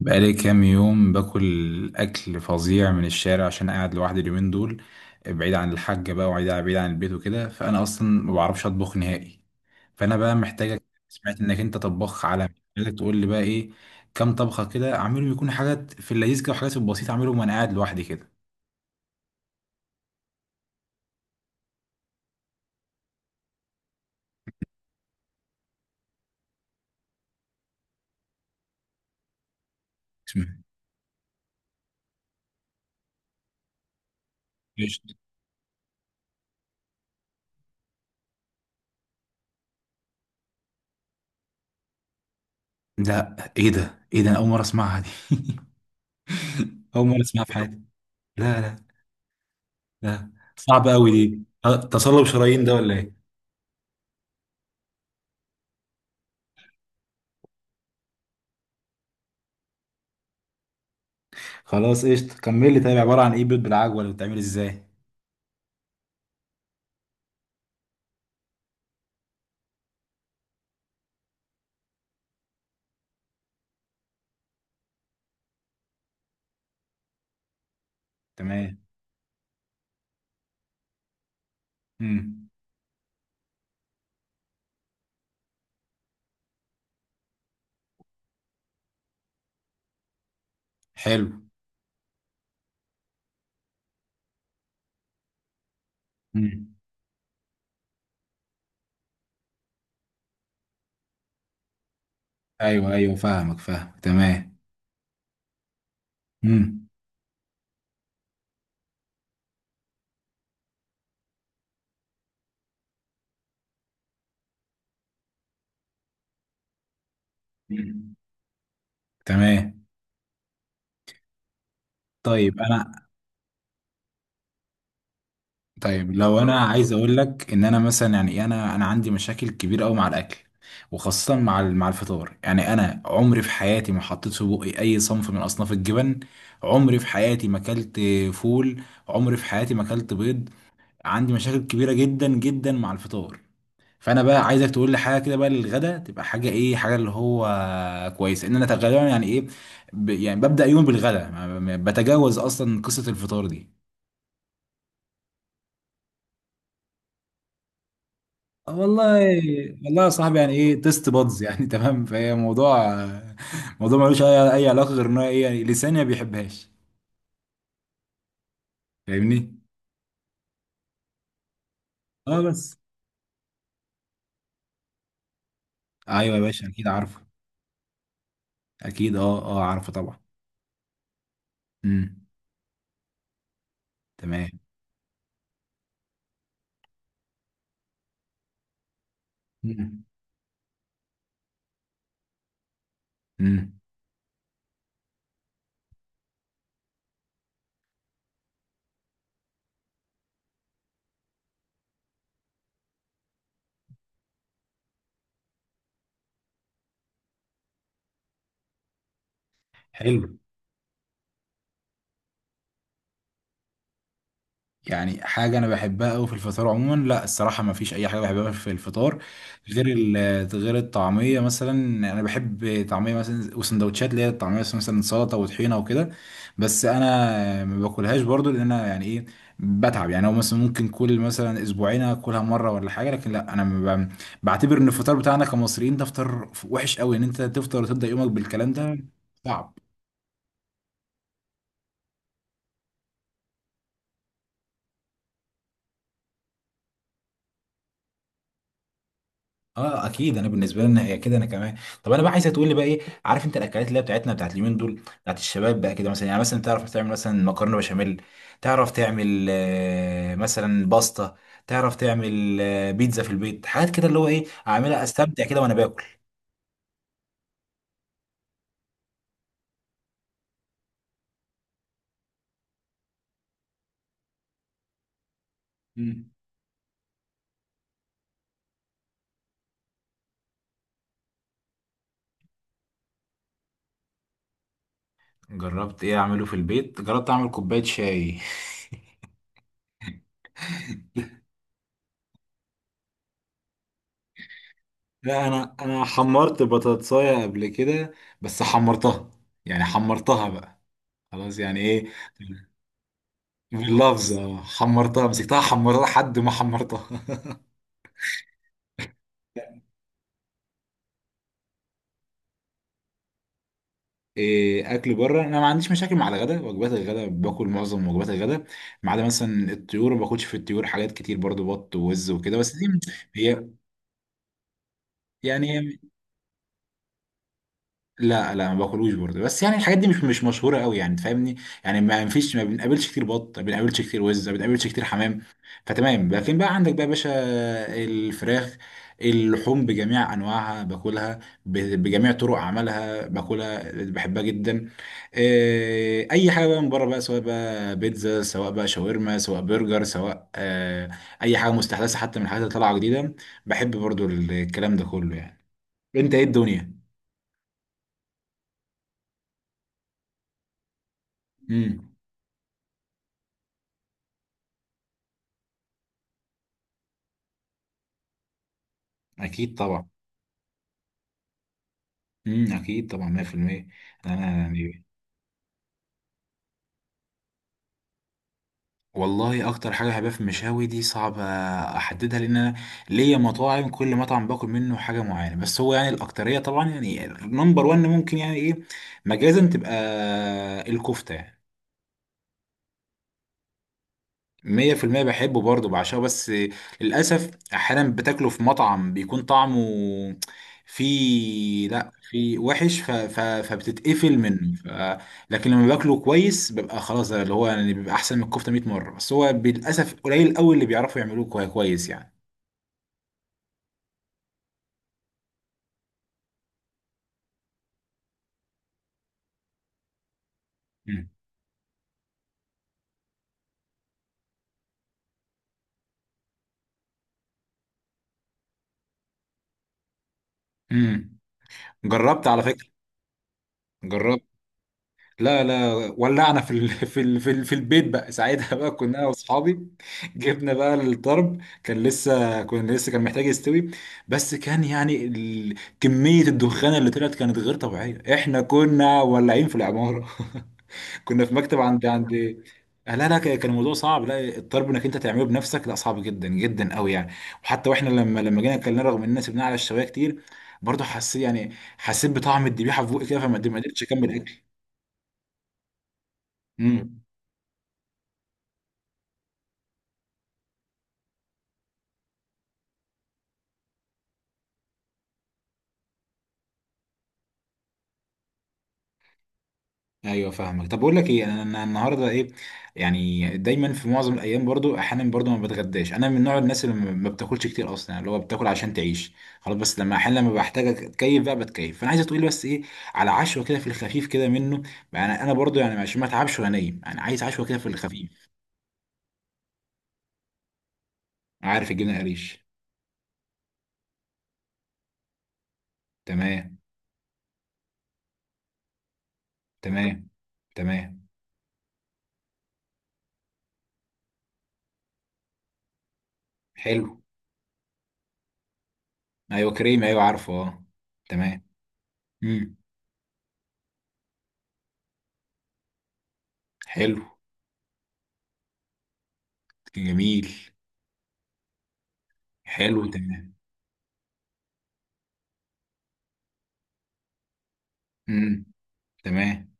بقالي كام يوم باكل أكل فظيع من الشارع، عشان قاعد لوحدي اليومين دول، بعيد عن الحاجة بقى، وبعيد بعيد عن البيت وكده. فأنا أصلا ما بعرفش أطبخ نهائي، فأنا بقى محتاجك. سمعت إنك أنت طباخ عالمي، محتاجك تقول لي بقى إيه. كام طبخة كده أعملهم، يكون حاجات في اللذيذ كده وحاجات في البسيط، أعملهم وأنا قاعد لوحدي كده. اسمع. إيش؟ ده إيه، ده إيه، ده أنا أول مرة أسمعها دي أول مرة أسمعها في حياتي. لا لا. لا. صعب أوي دي. تصلب شرايين ده ولا إيه؟ خلاص، قشطة، كمل لي طيب، عبارة عن ايه بيض بالعجوة؟ اللي بتتعمل ازاي؟ تمام. امم. حلو. امم. ايوه ايوه، فاهمك فاهمك، تمام. امم. تمام. طيب انا. طيب لو انا عايز اقول لك ان انا مثلا يعني إيه، انا عندي مشاكل كبيره قوي مع الاكل، وخاصه مع مع الفطار. يعني انا عمري في حياتي ما حطيت في بقي اي صنف من اصناف الجبن. عمري في حياتي ما اكلت فول. عمري في حياتي ما اكلت بيض. عندي مشاكل كبيره جدا جدا مع الفطار. فانا بقى عايزك تقول لي حاجه كده بقى للغدا، تبقى حاجه ايه، حاجه اللي هو كويسه، ان انا غالبا يعني ايه، يعني ببدا يوم بالغدا، بتجاوز اصلا قصه الفطار دي. آه والله. والله يا صاحبي، يعني ايه، تيست بادز يعني تمام، فهي موضوع، موضوع ملوش اي أي علاقه غير ان هو ايه، يعني لساني ما بيحبهاش، فاهمني. اه بس. ايوه يا باشا، اكيد عارفه. اكيد اه اه، عارفه طبعا. امم. تمام. امم. حلو. يعني حاجة أنا بحبها أوي في الفطار عموما، لا الصراحة ما فيش أي حاجة بحبها في الفطار غير غير الطعمية مثلا. أنا بحب طعمية مثلا، وسندوتشات اللي هي الطعمية مثلا سلطة وطحينة وكده، بس أنا ما باكلهاش برضو لأن أنا يعني إيه، بتعب. يعني هو مثلا ممكن كل مثلا أسبوعين أكلها مرة ولا حاجة، لكن لا، أنا ما ب- بعتبر إن الفطار بتاعنا كمصريين ده فطار وحش أوي، إن أنت تفطر وتبدأ يومك بالكلام ده. صعب. اه اكيد، انا بالنسبه لنا هي كده، انا كمان. طب انا بقى عايزه تقول لي بقى ايه، عارف انت الاكلات اللي هي بتاعتنا بتاعت اليومين دول بتاعت الشباب بقى كده، مثلا يعني مثلا تعرف تعمل مثلا مكرونه بشاميل؟ تعرف تعمل مثلا باستا؟ تعرف تعمل بيتزا في البيت؟ حاجات كده اللي هو ايه، اعملها استمتع كده وانا باكل. مم. جربت ايه اعمله في البيت؟ جربت اعمل كوبايه شاي. لا انا حمرت بطاطساية قبل كده، بس حمرتها، يعني حمرتها بقى، خلاص يعني ايه. باللفظة، حمرتها، مسكتها، حمرتها لحد ما حمرتها اكل بره انا ما عنديش مشاكل مع الغداء. وجبات الغداء باكل معظم وجبات الغداء، ما عدا مثلا الطيور، ما باكلش في الطيور حاجات كتير برضو، بط ووز وكده، بس دي هي يعني. لا لا، ما باكلوش برضه، بس يعني الحاجات دي مش مش مشهوره قوي، يعني تفهمني. يعني ما فيش، ما بنقابلش كتير بط، ما بنقابلش كتير وز، ما بنقابلش كتير حمام. فتمام. لكن بقى عندك بقى يا باشا الفراخ، اللحوم بجميع انواعها باكلها، بجميع طرق عملها باكلها، بحبها جدا. اي حاجه بقى من بره بقى، سواء بقى بيتزا، سواء بقى شاورما، سواء برجر، سواء اي حاجه مستحدثه حتى من الحاجات اللي طالعه جديده، بحب برضو الكلام ده كله يعني. انت ايه الدنيا؟ مم. اكيد طبعا. اكيد طبعا 100%. انا يعني. والله اكتر حاجه بحبها في المشاوي دي صعب احددها، لان انا ليا مطاعم، كل مطعم باكل منه حاجه معينه، بس هو يعني الاكتريه طبعا يعني نمبر 1 ممكن يعني ايه مجازا تبقى الكفته يعني. مية في المية بحبه برضه، بعشقه، بس للأسف أحيانا بتاكله في مطعم بيكون طعمه فيه لأ، فيه وحش، فبتتقفل منه، لكن لما باكله كويس ببقى خلاص، ده اللي هو يعني بيبقى أحسن من الكفتة 100 مرة، بس هو للأسف قليل أوي اللي بيعرفوا يعملوه كويس يعني. مم. مم. جربت على فكرة. جربت. لا لا، ولعنا في البيت بقى ساعتها بقى، كنا انا واصحابي، جبنا بقى الطرب، كان لسه كان محتاج يستوي، بس كان يعني كمية الدخان اللي طلعت كانت غير طبيعية، احنا كنا ولعين في العمارة كنا في مكتب عند لا لا، كان الموضوع صعب، لا الطرب انك انت تعمله بنفسك، لا صعب جدا جدا قوي يعني. وحتى واحنا لما جينا اكلناه، رغم اننا سبناه على الشوايه كتير، برضه حسيت، يعني حسيت بطعم الذبيحه في بوقي كده، فما ما قدرتش اكمل اكل. امم. ايوه فاهمك. طب بقول لك ايه، انا أنا النهارده ايه، يعني دايما في معظم الايام برضو، احيانا برضو ما بتغداش، انا من نوع الناس اللي ما بتاكلش كتير اصلا، يعني اللي هو بتاكل عشان تعيش خلاص. بس لما احيانا لما بحتاج اتكيف بقى بتكيف، فانا عايزه تقولي بس ايه على عشوه كده في الخفيف كده منه، يعني انا برضو يعني عشان ما اتعبش وانا نايم، يعني عايز عشوه كده في الخفيف. عارف الجبنه قريش. تمام. تمام. تمام. حلو. ايوه كريم ايوه، عارفه اه. تمام. امم. حلو. جميل. حلو تمام. امم. تمام.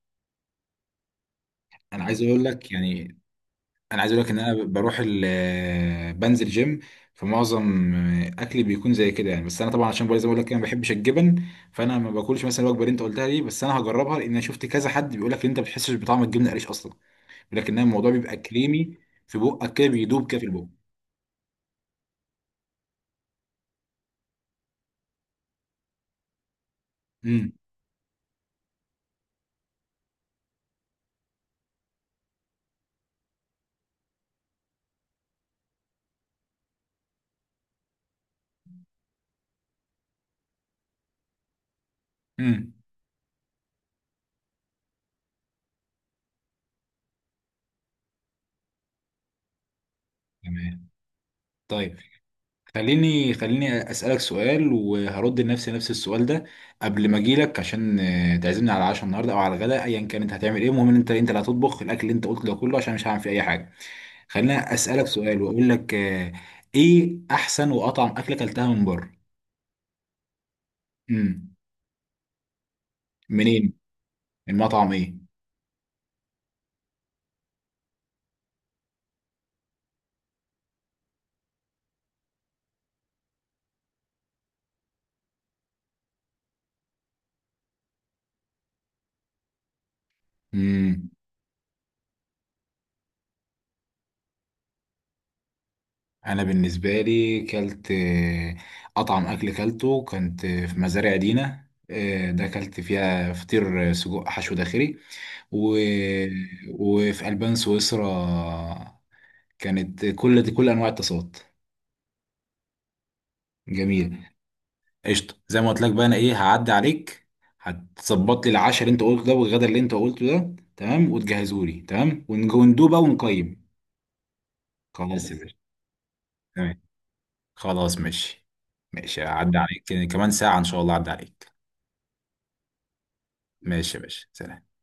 انا عايز اقول لك يعني، انا عايز اقول لك ان انا بروح بنزل جيم، فمعظم اكلي بيكون زي كده يعني، بس انا طبعا عشان بقول زي ما بقول لك أنا ما بحبش الجبن، فانا ما باكلش مثلا الوجبه اللي انت قلتها دي، بس انا هجربها، لان انا شفت كذا حد بيقول لك ان انت ما بتحسش بطعم الجبنه القريش اصلا، بيقول لك ان الموضوع بيبقى كريمي في بقك كده، بيدوب كده في البق. امم. امم. تمام. طيب خليني، خليني اسالك سؤال وهرد لنفسي نفس السؤال ده، قبل ما اجيلك عشان تعزمني على العشاء النهارده او على الغداء، ايا كان انت هتعمل ايه، المهم ان انت انت اللي هتطبخ الاكل اللي انت قلته ده كله، عشان مش هعمل فيه اي حاجه. خليني اسالك سؤال واقول لك ايه احسن واطعم اكله اكلتها من بره؟ امم. منين؟ المطعم ايه؟ امم. انا بالنسبه لي كلت اطعم اكل كلته كنت في مزارع دينا ده، كلت فيها فطير سجق حشو داخلي، و... وفي البان سويسرا. كانت كل دي كل انواع التصاوت. جميل. قشطه، زي ما قلت لك بقى انا ايه، هعدي عليك، هتظبط لي العشاء اللي انت قلته ده والغدا اللي انت قلته ده، تمام، وتجهزه لي، تمام، وندوب بقى ونقيم. خلاص يا باشا. تمام. خلاص ماشي. ماشي هعدي عليك كمان ساعة إن شاء الله هعدي عليك. ماشي يا باشا، سلام.